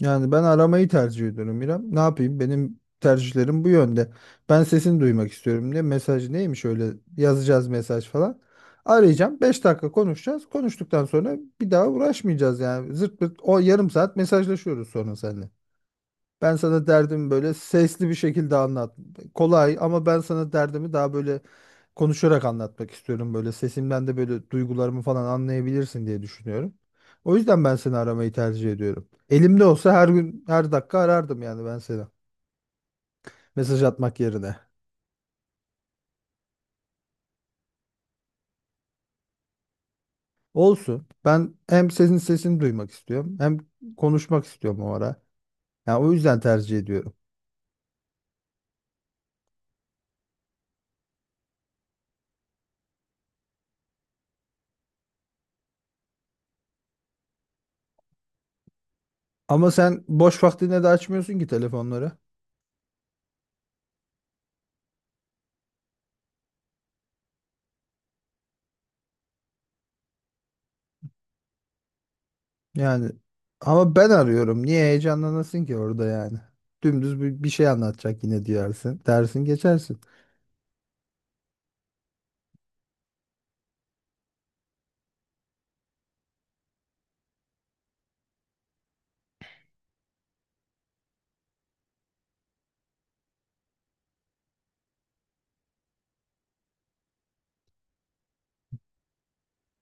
Yani ben aramayı tercih ediyorum İrem. Ne yapayım? Benim tercihlerim bu yönde. Ben sesini duymak istiyorum diye mesaj neymiş öyle yazacağız mesaj falan. Arayacağım. 5 dakika konuşacağız. Konuştuktan sonra bir daha uğraşmayacağız yani. Zırt pırt o yarım saat mesajlaşıyoruz sonra seninle. Ben sana derdimi böyle sesli bir şekilde anlat. Kolay ama ben sana derdimi daha böyle konuşarak anlatmak istiyorum. Böyle sesimden de böyle duygularımı falan anlayabilirsin diye düşünüyorum. O yüzden ben seni aramayı tercih ediyorum. Elimde olsa her gün her dakika arardım yani ben seni. Mesaj atmak yerine. Olsun. Ben hem senin sesini duymak istiyorum hem konuşmak istiyorum o ara. Yani o yüzden tercih ediyorum. Ama sen boş vaktinde de açmıyorsun ki telefonları. Yani ama ben arıyorum. Niye heyecanlanasın ki orada yani? Dümdüz bir şey anlatacak yine diyersin. Dersin geçersin.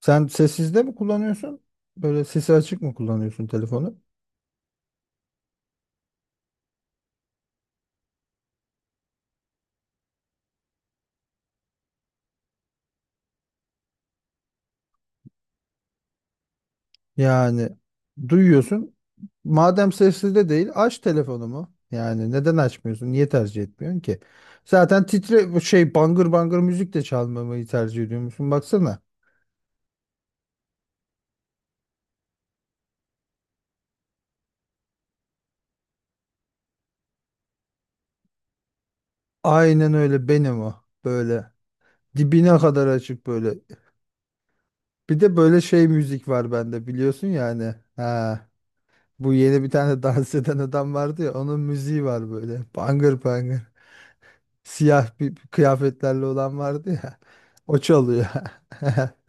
Sen sessizde mi kullanıyorsun? Böyle sesi açık mı kullanıyorsun telefonu? Yani duyuyorsun. Madem sessizde değil aç telefonumu. Yani neden açmıyorsun? Niye tercih etmiyorsun ki? Zaten titre bu şey bangır bangır müzik de çalmamayı tercih ediyormuşsun. Baksana. Aynen öyle benim o. Böyle dibine kadar açık böyle. Bir de böyle şey müzik var bende biliyorsun yani. Ha, bu yeni bir tane dans eden adam vardı ya onun müziği var böyle. Bangır bangır. Siyah bir kıyafetlerle olan vardı ya. O çalıyor.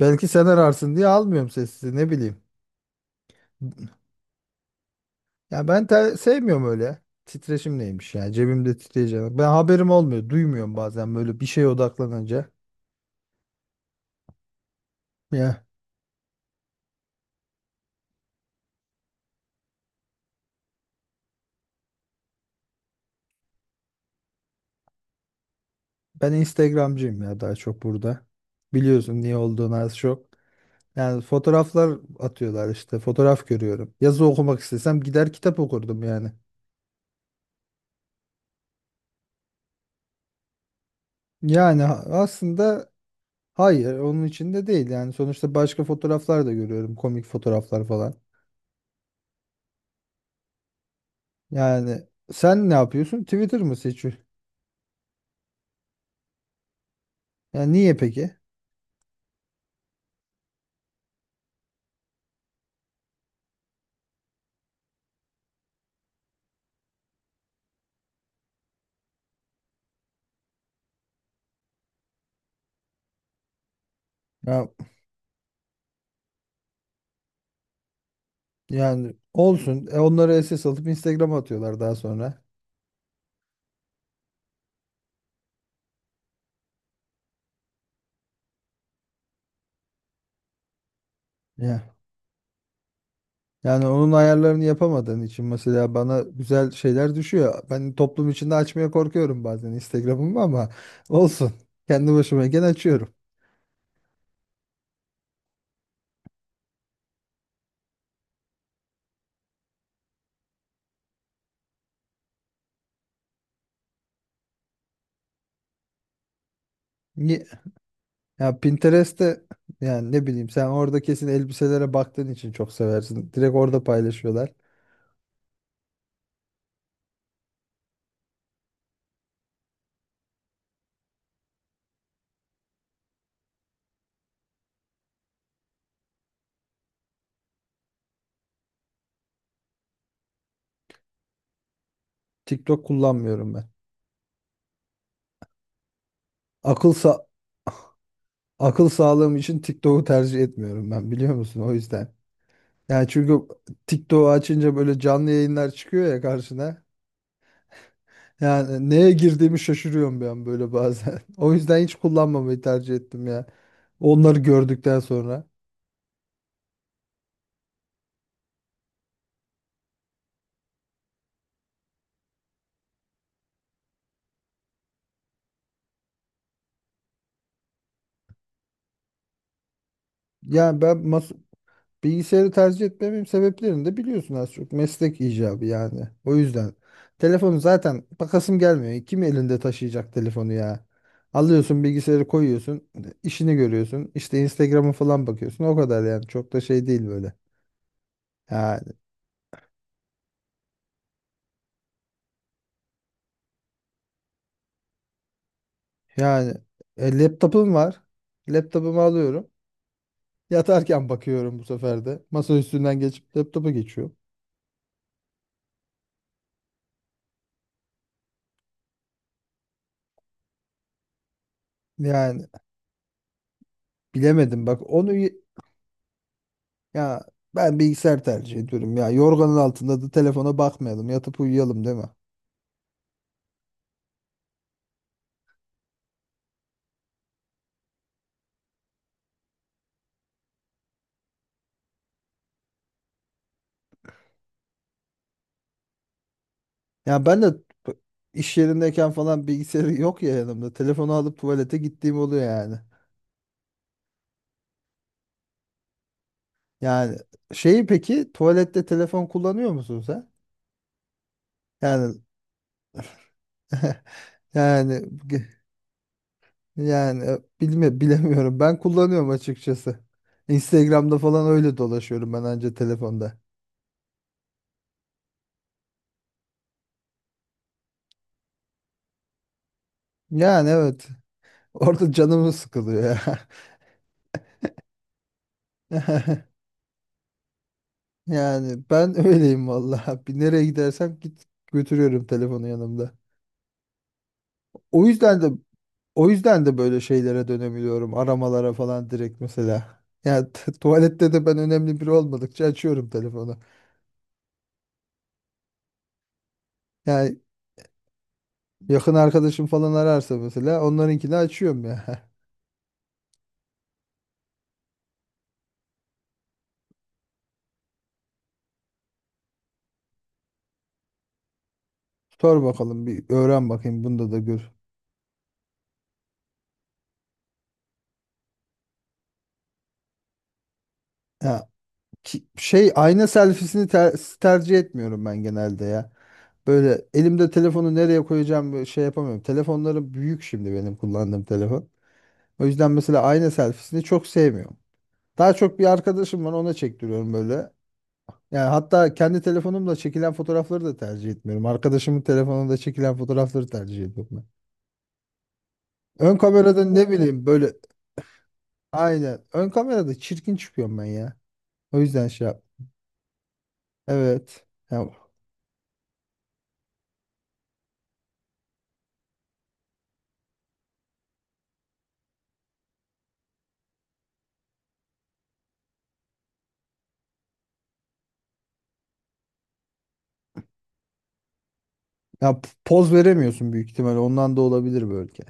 Belki sen ararsın diye almıyorum sessize ne bileyim. Ya sevmiyorum öyle. Titreşim neymiş ya cebimde titreyeceğim. Ben haberim olmuyor duymuyorum bazen böyle bir şeye odaklanınca. Ya ben Instagramcıyım ya daha çok burada. Biliyorsun niye olduğunu az çok. Yani fotoğraflar atıyorlar işte. Fotoğraf görüyorum. Yazı okumak istesem gider kitap okurdum yani. Aslında hayır onun içinde değil yani. Sonuçta başka fotoğraflar da görüyorum. Komik fotoğraflar falan. Yani sen ne yapıyorsun? Twitter mı seçiyorsun? Yani niye peki? Ya, yani olsun. E, onları esas alıp Instagram'a atıyorlar daha sonra. Yani onun ayarlarını yapamadığın için mesela bana güzel şeyler düşüyor. Ben toplum içinde açmaya korkuyorum bazen Instagram'ımı ama olsun. Kendi başıma gene açıyorum. Ni- Ya Pinterest'te yani ne bileyim sen orada kesin elbiselere baktığın için çok seversin. Direkt orada paylaşıyorlar. TikTok kullanmıyorum ben. Akıl sa Akıl sağlığım için TikTok'u tercih etmiyorum ben biliyor musun? O yüzden. Yani çünkü TikTok'u açınca böyle canlı yayınlar çıkıyor ya karşına. Yani neye girdiğimi şaşırıyorum bir an böyle bazen. O yüzden hiç kullanmamayı tercih ettim ya. Onları gördükten sonra. Yani ben mas bilgisayarı tercih etmemin sebeplerini de biliyorsun az çok. Meslek icabı yani. O yüzden. Telefonu zaten bakasım gelmiyor. Kim elinde taşıyacak telefonu ya? Alıyorsun bilgisayarı koyuyorsun. İşini görüyorsun. İşte Instagram'a falan bakıyorsun. O kadar yani. Çok da şey değil böyle. Ya, yani e, laptopum var. Laptopumu alıyorum. Yatarken bakıyorum bu sefer de. Masa üstünden geçip laptopa geçiyorum. Yani bilemedim bak onu. Ya ben bilgisayar tercih ediyorum. Ya yorganın altında da telefona bakmayalım. Yatıp uyuyalım değil mi? Ya ben de p- iş yerindeyken falan bilgisayarı yok ya yanımda. Telefonu alıp tuvalete gittiğim oluyor yani. Yani şeyi peki tuvalette telefon kullanıyor musun sen? Yani yani Yani e, bilemiyorum. Ben kullanıyorum açıkçası. Instagram'da falan öyle dolaşıyorum ben anca telefonda. Yani evet. Orada canımı sıkılıyor ya. Yani ben öyleyim vallahi. Bir nereye gidersem git götürüyorum telefonu yanımda. O yüzden de o yüzden de böyle şeylere dönemiyorum. Aramalara falan direkt mesela. Yani tuvalette de ben önemli biri olmadıkça açıyorum telefonu. Yani yakın arkadaşım falan ararsa mesela onlarınkini açıyorum ya. Sor bakalım bir öğren bakayım bunda da gör. Ya ayna selfiesini tercih etmiyorum ben genelde ya. Böyle elimde telefonu nereye koyacağım böyle şey yapamıyorum. Telefonlarım büyük şimdi benim kullandığım telefon. O yüzden mesela ayna selfiesini çok sevmiyorum. Daha çok bir arkadaşım var ona çektiriyorum böyle. Yani hatta kendi telefonumla çekilen fotoğrafları da tercih etmiyorum. Arkadaşımın telefonunda çekilen fotoğrafları tercih ediyorum ben. Ön kamerada ne bileyim böyle aynen. Ön kamerada çirkin çıkıyorum ben ya. O yüzden şey yap. Evet. Ya, ya poz veremiyorsun büyük ihtimalle. Ondan da olabilir belki.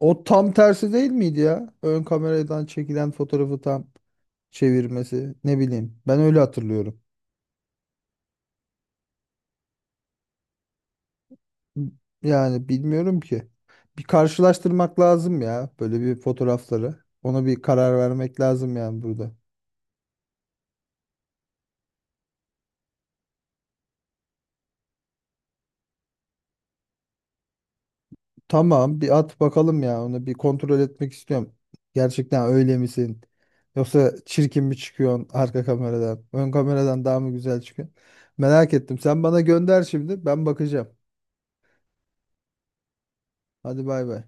O tam tersi değil miydi ya? Ön kameradan çekilen fotoğrafı tam çevirmesi. Ne bileyim. Ben öyle hatırlıyorum. Yani bilmiyorum ki. Bir karşılaştırmak lazım ya böyle bir fotoğrafları. Ona bir karar vermek lazım yani burada. Tamam bir at bakalım ya onu bir kontrol etmek istiyorum. Gerçekten öyle misin? Yoksa çirkin mi çıkıyorsun arka kameradan? Ön kameradan daha mı güzel çıkıyorsun? Merak ettim. Sen bana gönder şimdi ben bakacağım. Hadi bay bay.